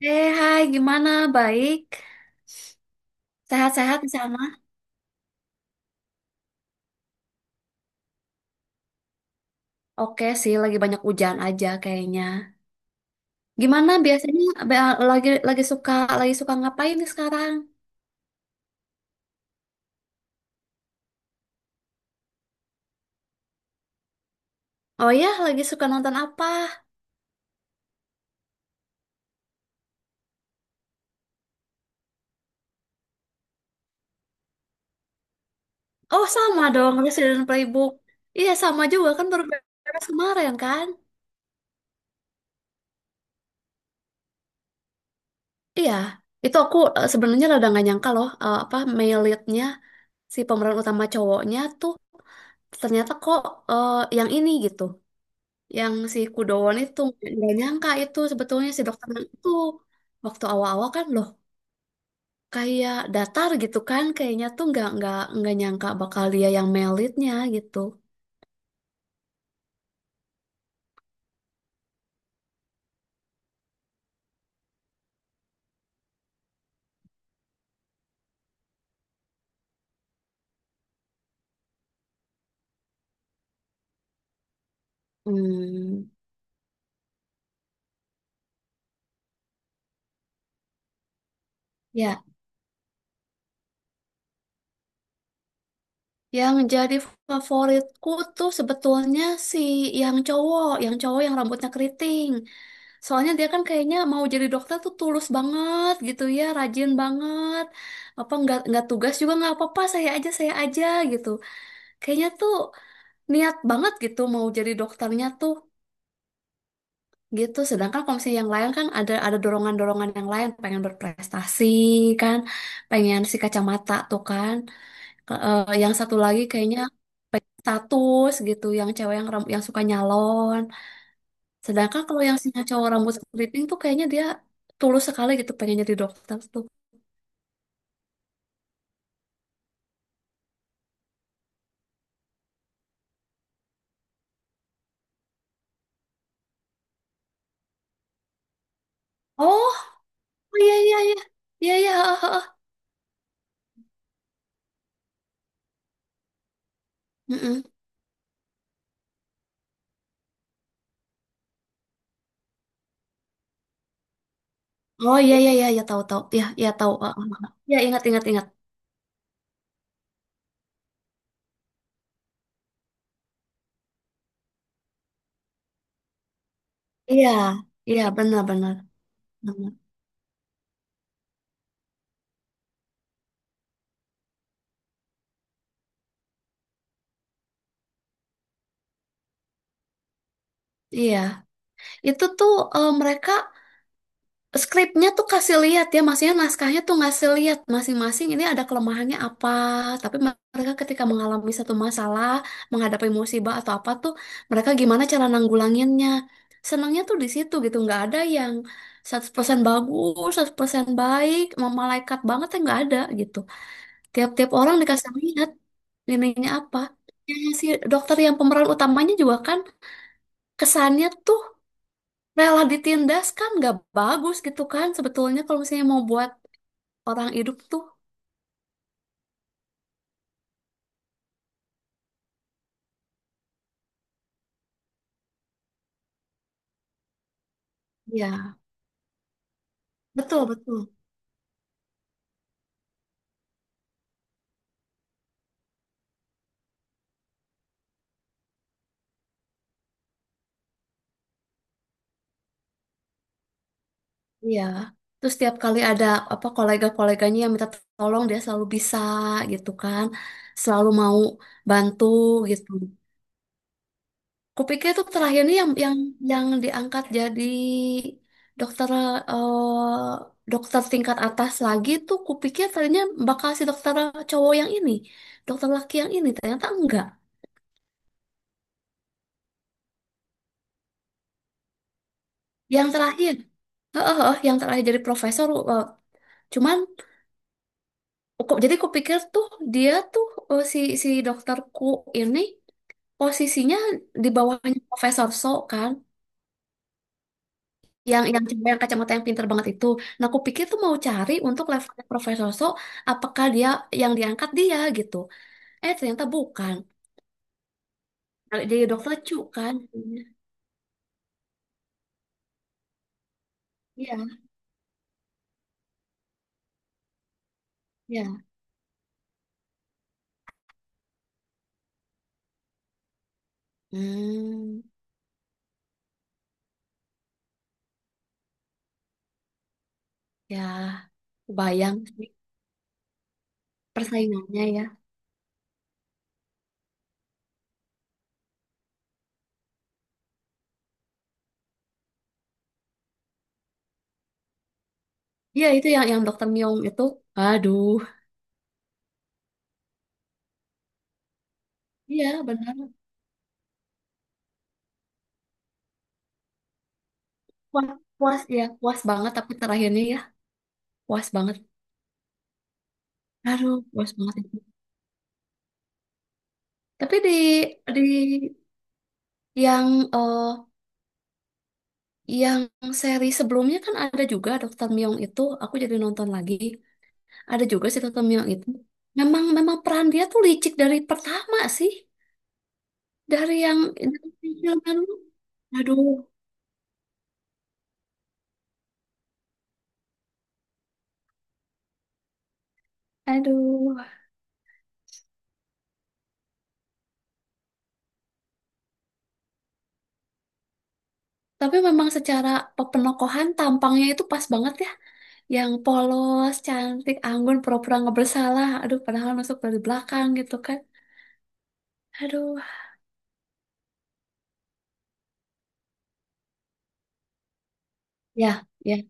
Eh, hai, gimana? Baik? Sehat-sehat di sana? Oke sih, lagi banyak hujan aja kayaknya. Gimana biasanya be- lagi lagi suka lagi suka ngapain nih sekarang? Oh ya, lagi suka nonton apa? Oh, sama dong, Resident Playbook. Iya, sama juga kan baru beres kemarin kan? Iya, itu aku sebenarnya rada nggak nyangka loh apa male lead-nya, si pemeran utama cowoknya tuh, ternyata kok eh, yang ini gitu. Yang si Kudowon itu, nggak nyangka itu sebetulnya si dokter itu. Waktu awal-awal kan loh kayak datar gitu kan, kayaknya tuh nggak nyangka bakal dia yang melitnya gitu. Hmm, ya, yang jadi favoritku tuh sebetulnya si yang cowok, yang cowok yang rambutnya keriting. Soalnya dia kan kayaknya mau jadi dokter tuh tulus banget gitu ya, rajin banget. Apa nggak tugas juga nggak apa-apa, saya aja gitu. Kayaknya tuh niat banget gitu mau jadi dokternya tuh gitu, sedangkan kalau misalnya yang lain kan ada dorongan-dorongan yang lain, pengen berprestasi kan, pengen si kacamata tuh kan. Yang satu lagi kayaknya pengen status gitu, yang cewek yang yang suka nyalon, sedangkan kalau yang si cowok rambut keriting tuh kayaknya dia tulus sekali gitu pengen jadi dokter tuh. Oh, oh, iya, iya, iya, iya, iya, heeh, heeh. Mm-mm. Oh, iya, iya, iya, ya tahu, tahu, ya, ya tahu, heeh, heeh. Ya, ingat, ingat, ingat. Iya, iya benar-benar. Benar. Iya, itu tuh mereka skripnya tuh kasih lihat ya, maksudnya naskahnya tuh ngasih lihat masing-masing ini ada kelemahannya apa. Tapi mereka ketika mengalami satu masalah, menghadapi musibah atau apa tuh, mereka gimana cara nanggulanginnya. Senangnya tuh di situ gitu, nggak ada yang 100% bagus, 100% baik, malaikat banget ya nggak ada gitu. Tiap-tiap orang dikasih lihat ininya apa. Ya, si dokter yang pemeran utamanya juga kan kesannya tuh rela ditindas kan nggak bagus gitu kan sebetulnya, kalau misalnya mau buat orang hidup tuh. Ya, betul, betul. Iya, terus setiap kali ada apa kolega-koleganya yang minta tolong, dia selalu bisa gitu kan, selalu mau bantu gitu. Kupikir itu terakhir ini yang diangkat jadi dokter dokter tingkat atas lagi tuh, kupikir tadinya bakal si dokter cowok yang ini, dokter laki yang ini, ternyata enggak. Yang terakhir, oh, heeh, yang terakhir jadi profesor. Cuman, jadi kupikir tuh dia tuh, si si dokterku ini, posisinya di bawahnya Profesor So kan, yang cewek yang kacamata yang pinter banget itu. Nah, aku pikir tuh mau cari untuk levelnya Profesor So, apakah dia yang diangkat, dia gitu? Eh, ternyata bukan. Nah, jadi dokter Chu kan? Iya, iya. Hmm, ya, bayang sih persaingannya ya. Iya, itu yang dokter Myong itu. Aduh. Iya, benar. Puas, puas ya, puas banget tapi terakhirnya ya, puas banget. Aduh, puas banget itu. Tapi di yang eh, yang seri sebelumnya kan ada juga Dokter Myung itu, aku jadi nonton lagi. Ada juga si Dokter Myung itu. Memang memang peran dia tuh licik dari pertama sih, dari yang, dari film yang. Aduh, aduh. Tapi memang secara penokohan, tampangnya itu pas banget ya. Yang polos, cantik, anggun, pura-pura nggak bersalah. Aduh, padahal nusuk dari belakang gitu kan. Aduh. Ya, ya,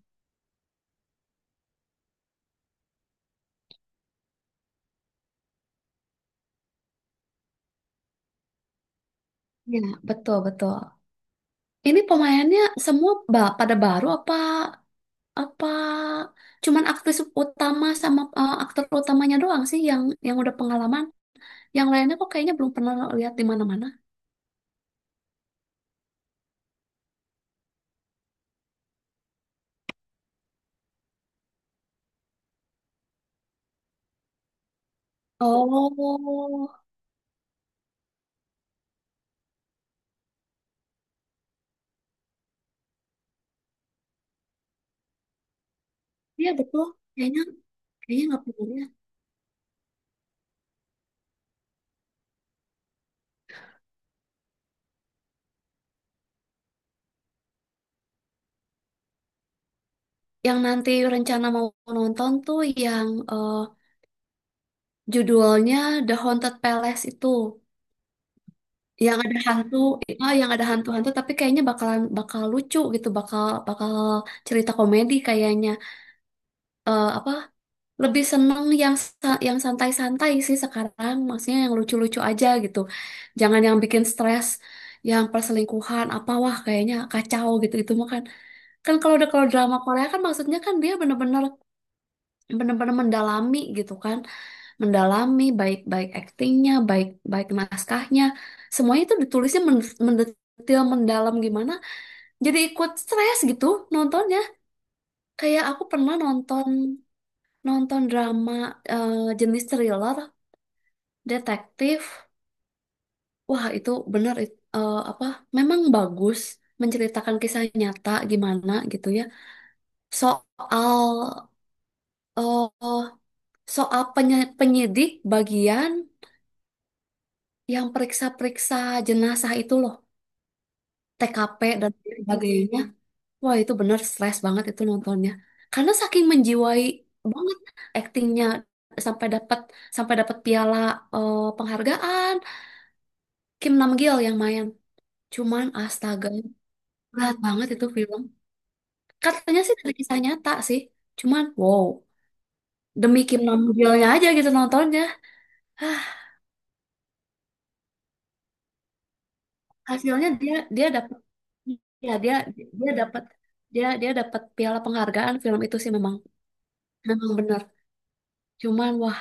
ya, betul, betul. Ini pemainnya semua pada baru apa apa, cuman aktris utama sama aktor utamanya doang sih yang udah pengalaman. Yang lainnya kok kayaknya belum pernah lihat di mana-mana. Oh, iya betul. Kayaknya kayaknya nggak pernah lihat. Yang nanti rencana mau nonton tuh yang judulnya The Haunted Palace itu. Yang ada hantu, ah, yang ada hantu-hantu, tapi kayaknya bakalan bakal lucu gitu, bakal bakal cerita komedi kayaknya. Eh, apa? Lebih seneng yang yang santai-santai sih sekarang, maksudnya yang lucu-lucu aja gitu. Jangan yang bikin stres, yang perselingkuhan apa, wah kayaknya kacau gitu. Itu mah kan, kan kalau udah, kalau drama Korea kan maksudnya kan dia bener-bener, bener-bener mendalami gitu kan, mendalami baik-baik aktingnya, baik-baik naskahnya, semuanya itu ditulisnya mendetil, mendalam gimana. Jadi ikut stres gitu nontonnya. Kayak aku pernah nonton, nonton drama jenis thriller, detektif. Wah, itu bener apa? Memang bagus menceritakan kisah nyata gimana gitu ya. Soal eh, soal penyidik bagian yang periksa-periksa jenazah itu loh. TKP dan sebagainya. Wah, itu bener stres banget itu nontonnya. Karena saking menjiwai banget aktingnya, sampai dapat, sampai dapat piala, penghargaan. Kim Namgil yang main. Cuman astaga, berat banget itu film. Katanya sih dari kisah nyata sih. Cuman wow, demi Kim Namgilnya aja gitu nontonnya. Hah, hasilnya dia, dia dapat. Ya, dia dia dapat, dia dia dapat piala penghargaan film itu sih memang, memang benar. Cuman wah,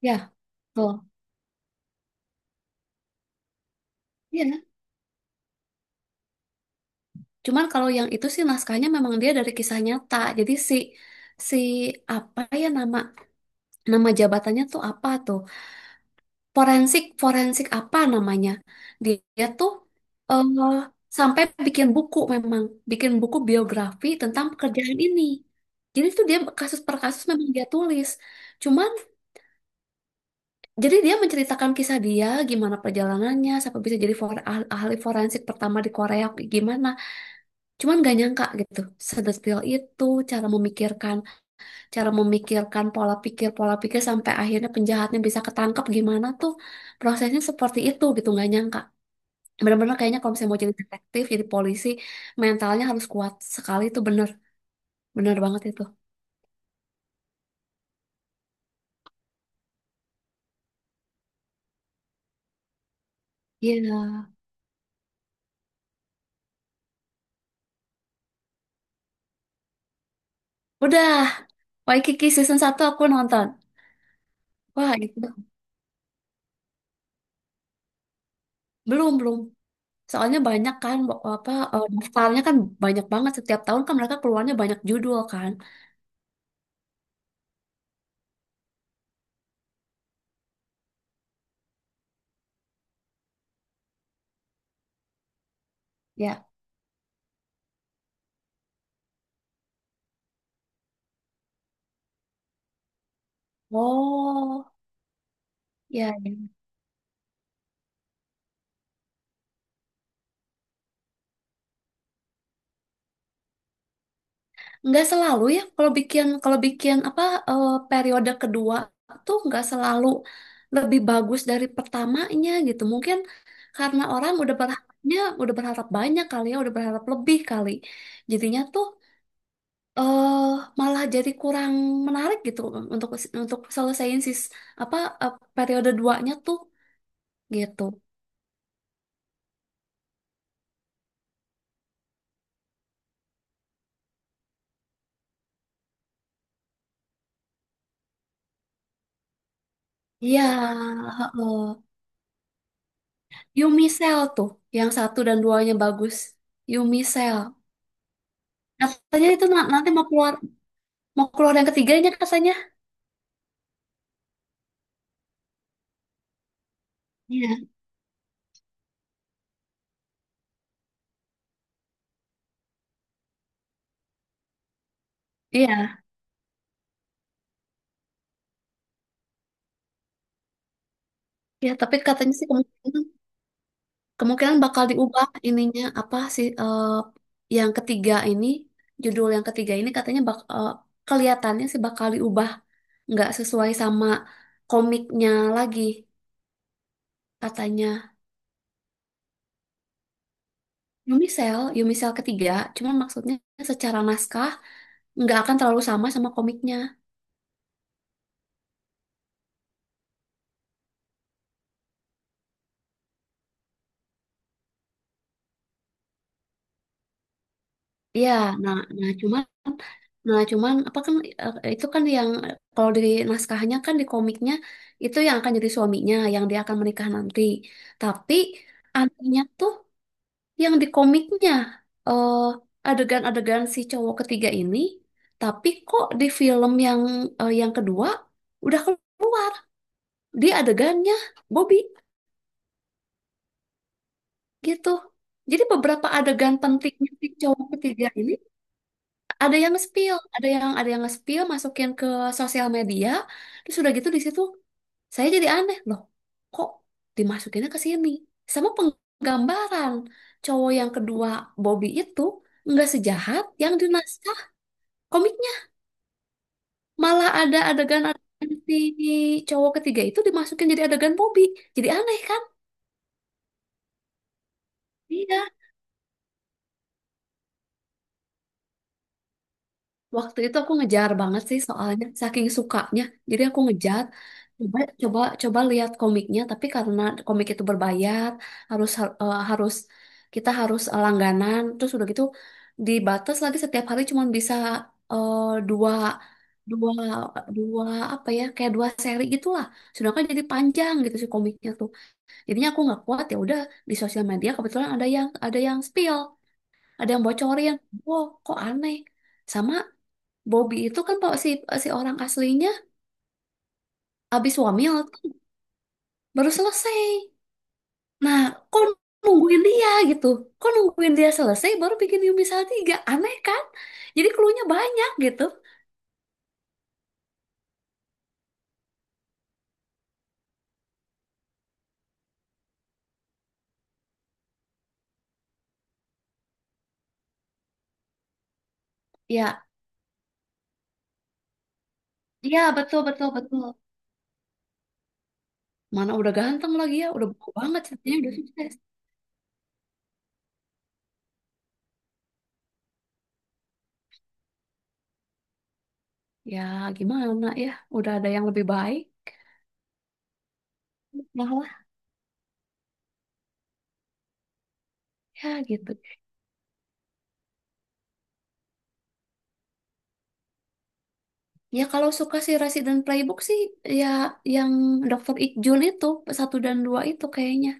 ya, tuh. Iya. Cuman kalau yang itu sih naskahnya memang dia dari kisah nyata. Jadi si si, apa ya, nama, nama jabatannya tuh apa tuh? Forensik, forensik apa namanya? Dia, dia tuh eh, sampai bikin buku, memang bikin buku biografi tentang pekerjaan ini. Jadi tuh dia kasus per kasus memang dia tulis. Cuman, jadi dia menceritakan kisah dia gimana perjalanannya sampai bisa jadi ahli, ahli forensik pertama di Korea gimana. Cuman gak nyangka gitu, sedetil itu cara memikirkan, cara memikirkan pola pikir sampai akhirnya penjahatnya bisa ketangkep, gimana tuh prosesnya seperti itu gitu, gak nyangka. Bener-bener kayaknya kalau misalnya mau jadi detektif, jadi polisi, mentalnya harus kuat sekali itu, bener, bener banget itu. Iya. Udah, Waikiki season satu aku nonton. Wah itu, belum, belum. Soalnya banyak kan, daftarnya kan banyak banget. Setiap tahun kan mereka keluarnya banyak judul kan. Ya. Oh. Ya, ya. Nggak selalu ya. Kalau bikin, kalau bikin apa, periode kedua tuh nggak selalu lebih bagus dari pertamanya gitu. Mungkin karena orang udah berharapnya, udah berharap banyak kali ya, udah berharap lebih kali. Jadinya tuh eh malah jadi kurang menarik gitu untuk untuk selesaiin sis, apa, periode duanya tuh gitu. Iya, heeh. Yumi Cell tuh yang satu dan duanya bagus. Yumi Cell. Katanya itu nanti mau keluar, mau keluar yang ketiganya katanya. Iya. Iya. Iya, tapi katanya sih kemungkinan, kemungkinan bakal diubah ininya apa sih, yang ketiga ini, judul yang ketiga ini katanya kelihatannya sih bakal diubah, nggak sesuai sama komiknya lagi katanya. Yumisel, Yumisel ketiga, cuman maksudnya secara naskah nggak akan terlalu sama, sama komiknya. Iya, nah, nah cuman apa kan itu kan yang kalau di naskahnya kan, di komiknya itu yang akan jadi suaminya, yang dia akan menikah nanti. Tapi anehnya tuh yang di komiknya eh, adegan-adegan si cowok ketiga ini, tapi kok di film yang yang kedua udah keluar di adegannya Bobby gitu. Jadi beberapa adegan pentingnya si cowok ketiga ini ada yang nge-spill, ada yang, ada yang nge-spill, masukin ke sosial media, terus udah gitu di situ saya jadi aneh loh, kok dimasukinnya ke sini? Sama penggambaran cowok yang kedua, Bobby itu, nggak sejahat yang di naskah komiknya, malah ada adegan, adegan si cowok ketiga itu dimasukin jadi adegan Bobby, jadi aneh kan? Iya, waktu itu aku ngejar banget sih soalnya saking sukanya. Jadi aku ngejar, coba, coba, coba lihat komiknya, tapi karena komik itu berbayar, harus eh, harus kita harus langganan, terus udah gitu dibatas lagi setiap hari cuma bisa eh, dua, dua, dua apa ya, kayak dua seri gitulah. Sedangkan jadi panjang gitu sih komiknya tuh. Jadinya aku nggak kuat, ya udah di sosial media kebetulan ada yang, ada yang spill, ada yang bocorin. Wow, kok aneh. Sama Bobby itu kan, pak si si orang aslinya habis wamil baru selesai. Nah, kok nungguin dia gitu? Kok nungguin dia selesai baru bikin Yumi tiga? Aneh kan? Jadi clue-nya banyak gitu. Ya, ya betul, betul, betul. Mana udah ganteng lagi ya, udah bau banget ceritanya udah sukses. Ya gimana ya, udah ada yang lebih baik. Nah lah, ya gitu. Ya kalau suka si Resident Playbook sih, ya yang Dokter Ikjul itu, satu dan dua itu kayaknya.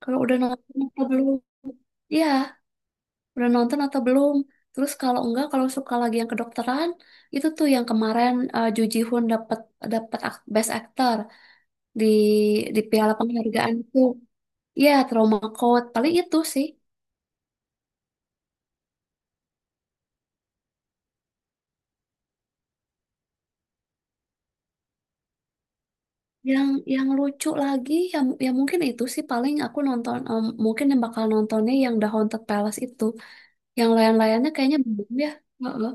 Kalau udah nonton atau belum? Iya, udah nonton atau belum? Terus kalau enggak, kalau suka lagi yang kedokteran, itu tuh yang kemarin Ju Ji Hoon dapat, dapat Best Actor di di piala penghargaan tuh. Iya, Trauma Code. Paling itu sih. Yang yang lucu lagi, ya, ya mungkin itu sih paling aku nonton, em, mungkin yang bakal nontonnya yang The Haunted Palace itu. Yang lain-lainnya kayaknya belum ya. Heeh.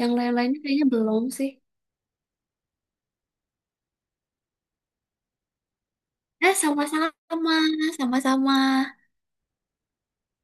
Yang lain-lainnya kayaknya belum sih. Eh, sama-sama, sama-sama.